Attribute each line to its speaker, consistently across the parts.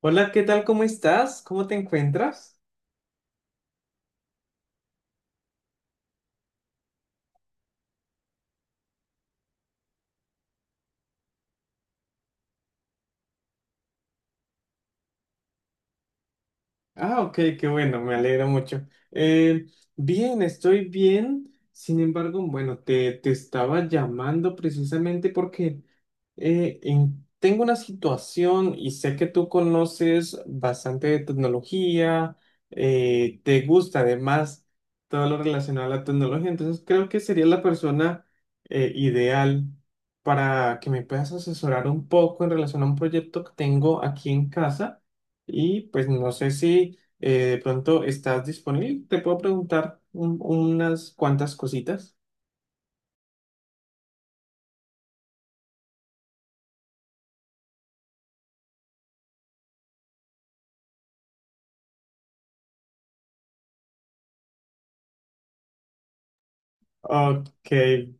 Speaker 1: Hola, ¿qué tal? ¿Cómo estás? ¿Cómo te encuentras? Ah, ok, qué bueno, me alegra mucho. Bien, estoy bien. Sin embargo, bueno, te estaba llamando precisamente porque tengo una situación y sé que tú conoces bastante de tecnología, te gusta además todo lo relacionado a la tecnología, entonces creo que sería la persona ideal para que me puedas asesorar un poco en relación a un proyecto que tengo aquí en casa. Y pues no sé si de pronto estás disponible. Te puedo preguntar unas cuantas cositas. Ok,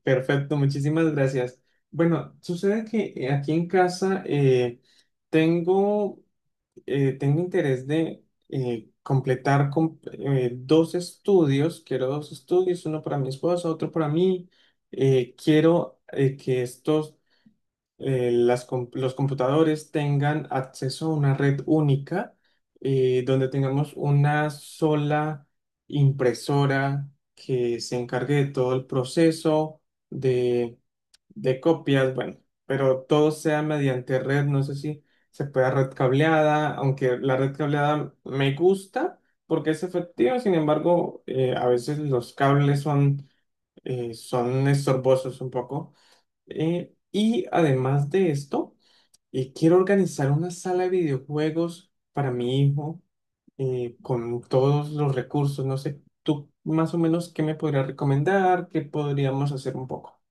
Speaker 1: perfecto, muchísimas gracias. Bueno, sucede que aquí en casa tengo, tengo interés de dos estudios. Quiero dos estudios, uno para mi esposa, otro para mí. Quiero que estos los computadores tengan acceso a una red única, donde tengamos una sola impresora que se encargue de todo el proceso de, de copias, bueno, pero todo sea mediante red, no sé si se pueda red cableada, aunque la red cableada me gusta porque es efectiva. Sin embargo, a veces los cables son estorbosos un poco. Y además de esto, y quiero organizar una sala de videojuegos para mi hijo, con todos los recursos. No sé, tú más o menos qué me podrías recomendar, qué podríamos hacer un poco.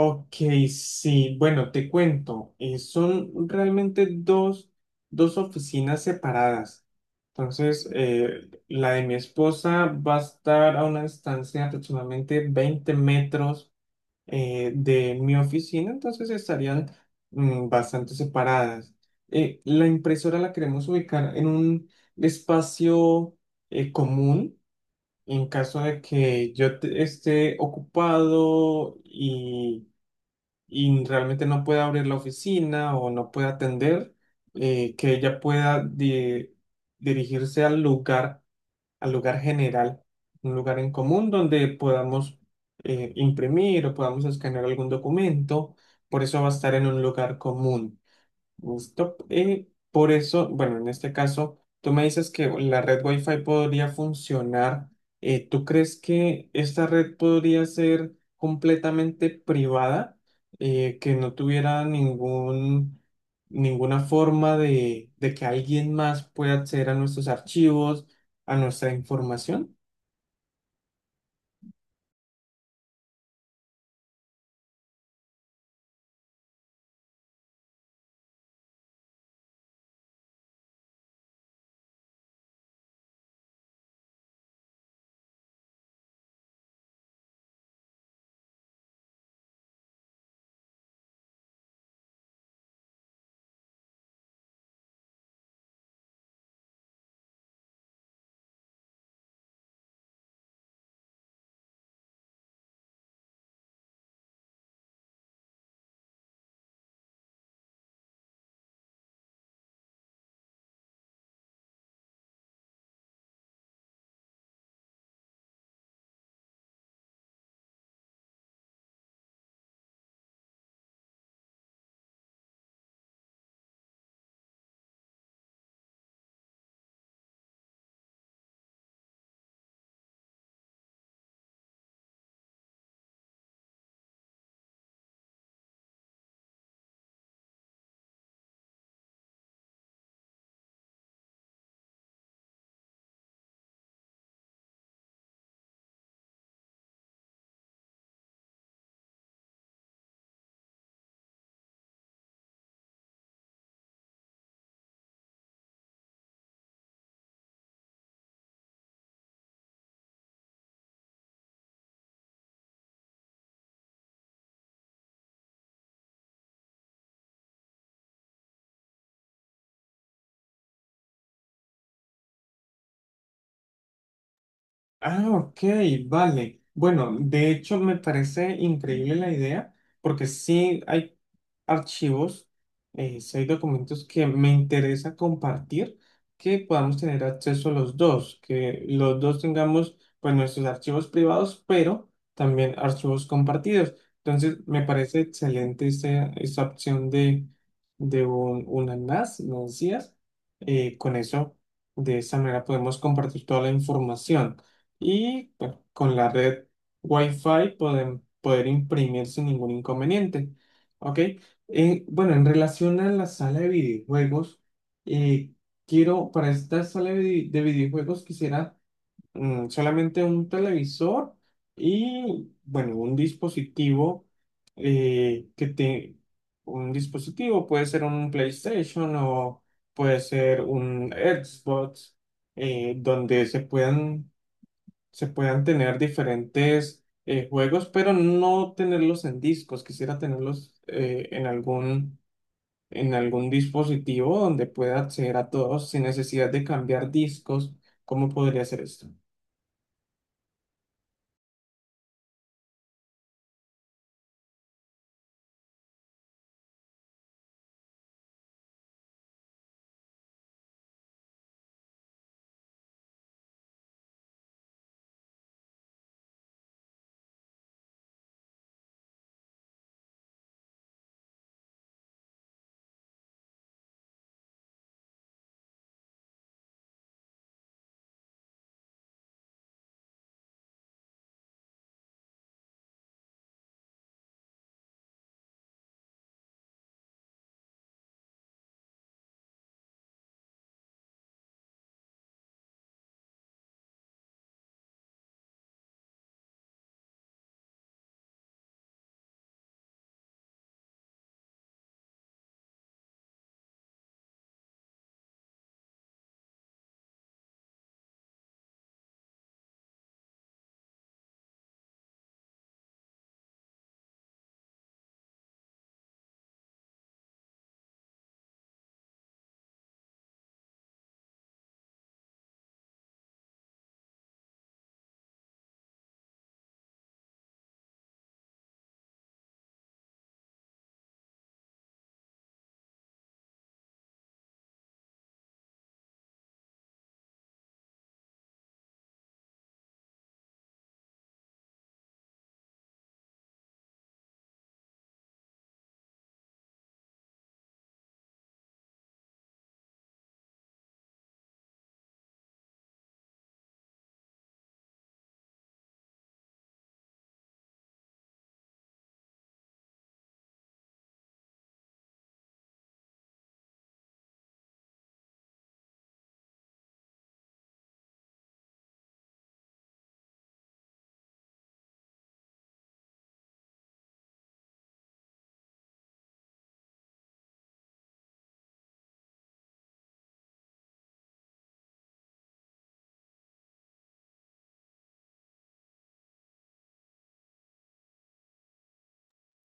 Speaker 1: Ok, sí, bueno, te cuento. Dos oficinas separadas. Entonces, la de mi esposa va a estar a una distancia de aproximadamente 20 metros de mi oficina, entonces estarían bastante separadas. La impresora la queremos ubicar en un espacio común, en caso de que yo esté ocupado y realmente no pueda abrir la oficina o no pueda atender, que ella pueda dirigirse al lugar general, un lugar en común donde podamos imprimir o podamos escanear algún documento. Por eso va a estar en un lugar común. Listo. Y por eso, bueno, en este caso, tú me dices que la red Wi-Fi podría funcionar. ¿Tú crees que esta red podría ser completamente privada, que no tuviera ningún, ninguna forma de que alguien más pueda acceder a nuestros archivos, a nuestra información? Ah, ok, vale. Bueno, de hecho me parece increíble la idea porque sí hay archivos, sí hay documentos que me interesa compartir, que podamos tener acceso los dos, que los dos tengamos pues nuestros archivos privados, pero también archivos compartidos. Entonces me parece excelente esa opción de una NAS, me decías. Con eso, de esa manera podemos compartir toda la información. Y bueno, con la red Wi-Fi pueden poder imprimir sin ningún inconveniente. ¿Ok? Bueno, en relación a la sala de videojuegos, eh, para esta sala de, de videojuegos quisiera, solamente un televisor y, bueno, un dispositivo eh, que te... Un dispositivo puede ser un PlayStation o puede ser un Xbox, donde se puedan tener diferentes juegos, pero no tenerlos en discos. Quisiera tenerlos en algún dispositivo donde pueda acceder a todos sin necesidad de cambiar discos. ¿Cómo podría hacer esto?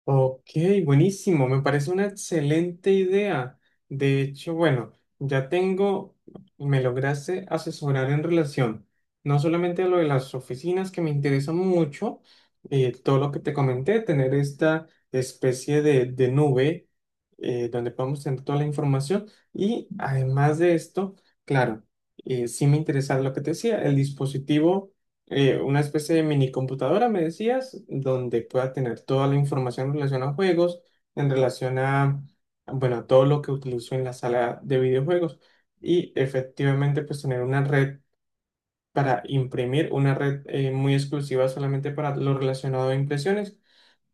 Speaker 1: Ok, buenísimo, me parece una excelente idea. De hecho, bueno, ya tengo, me lograste asesorar en relación no solamente a lo de las oficinas que me interesa mucho, todo lo que te comenté, tener esta especie de nube donde podemos tener toda la información y además de esto, claro, sí me interesa lo que te decía, el dispositivo, una especie de mini computadora, me decías, donde pueda tener toda la información en relación a juegos, en relación a, bueno, a todo lo que utilizo en la sala de videojuegos, y efectivamente pues tener una red para imprimir, una red muy exclusiva solamente para lo relacionado a impresiones.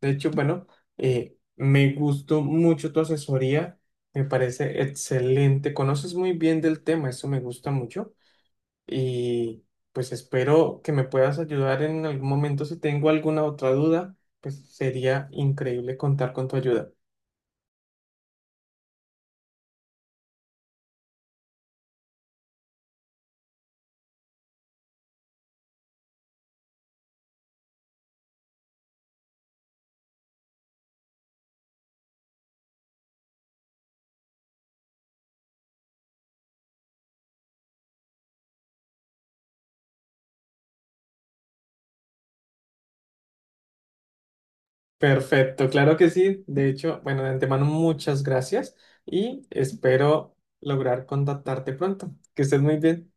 Speaker 1: De hecho, bueno, me gustó mucho tu asesoría, me parece excelente, conoces muy bien del tema, eso me gusta mucho. Y pues espero que me puedas ayudar en algún momento. Si tengo alguna otra duda, pues sería increíble contar con tu ayuda. Perfecto, claro que sí. De hecho, bueno, de antemano muchas gracias y espero lograr contactarte pronto. Que estés muy bien.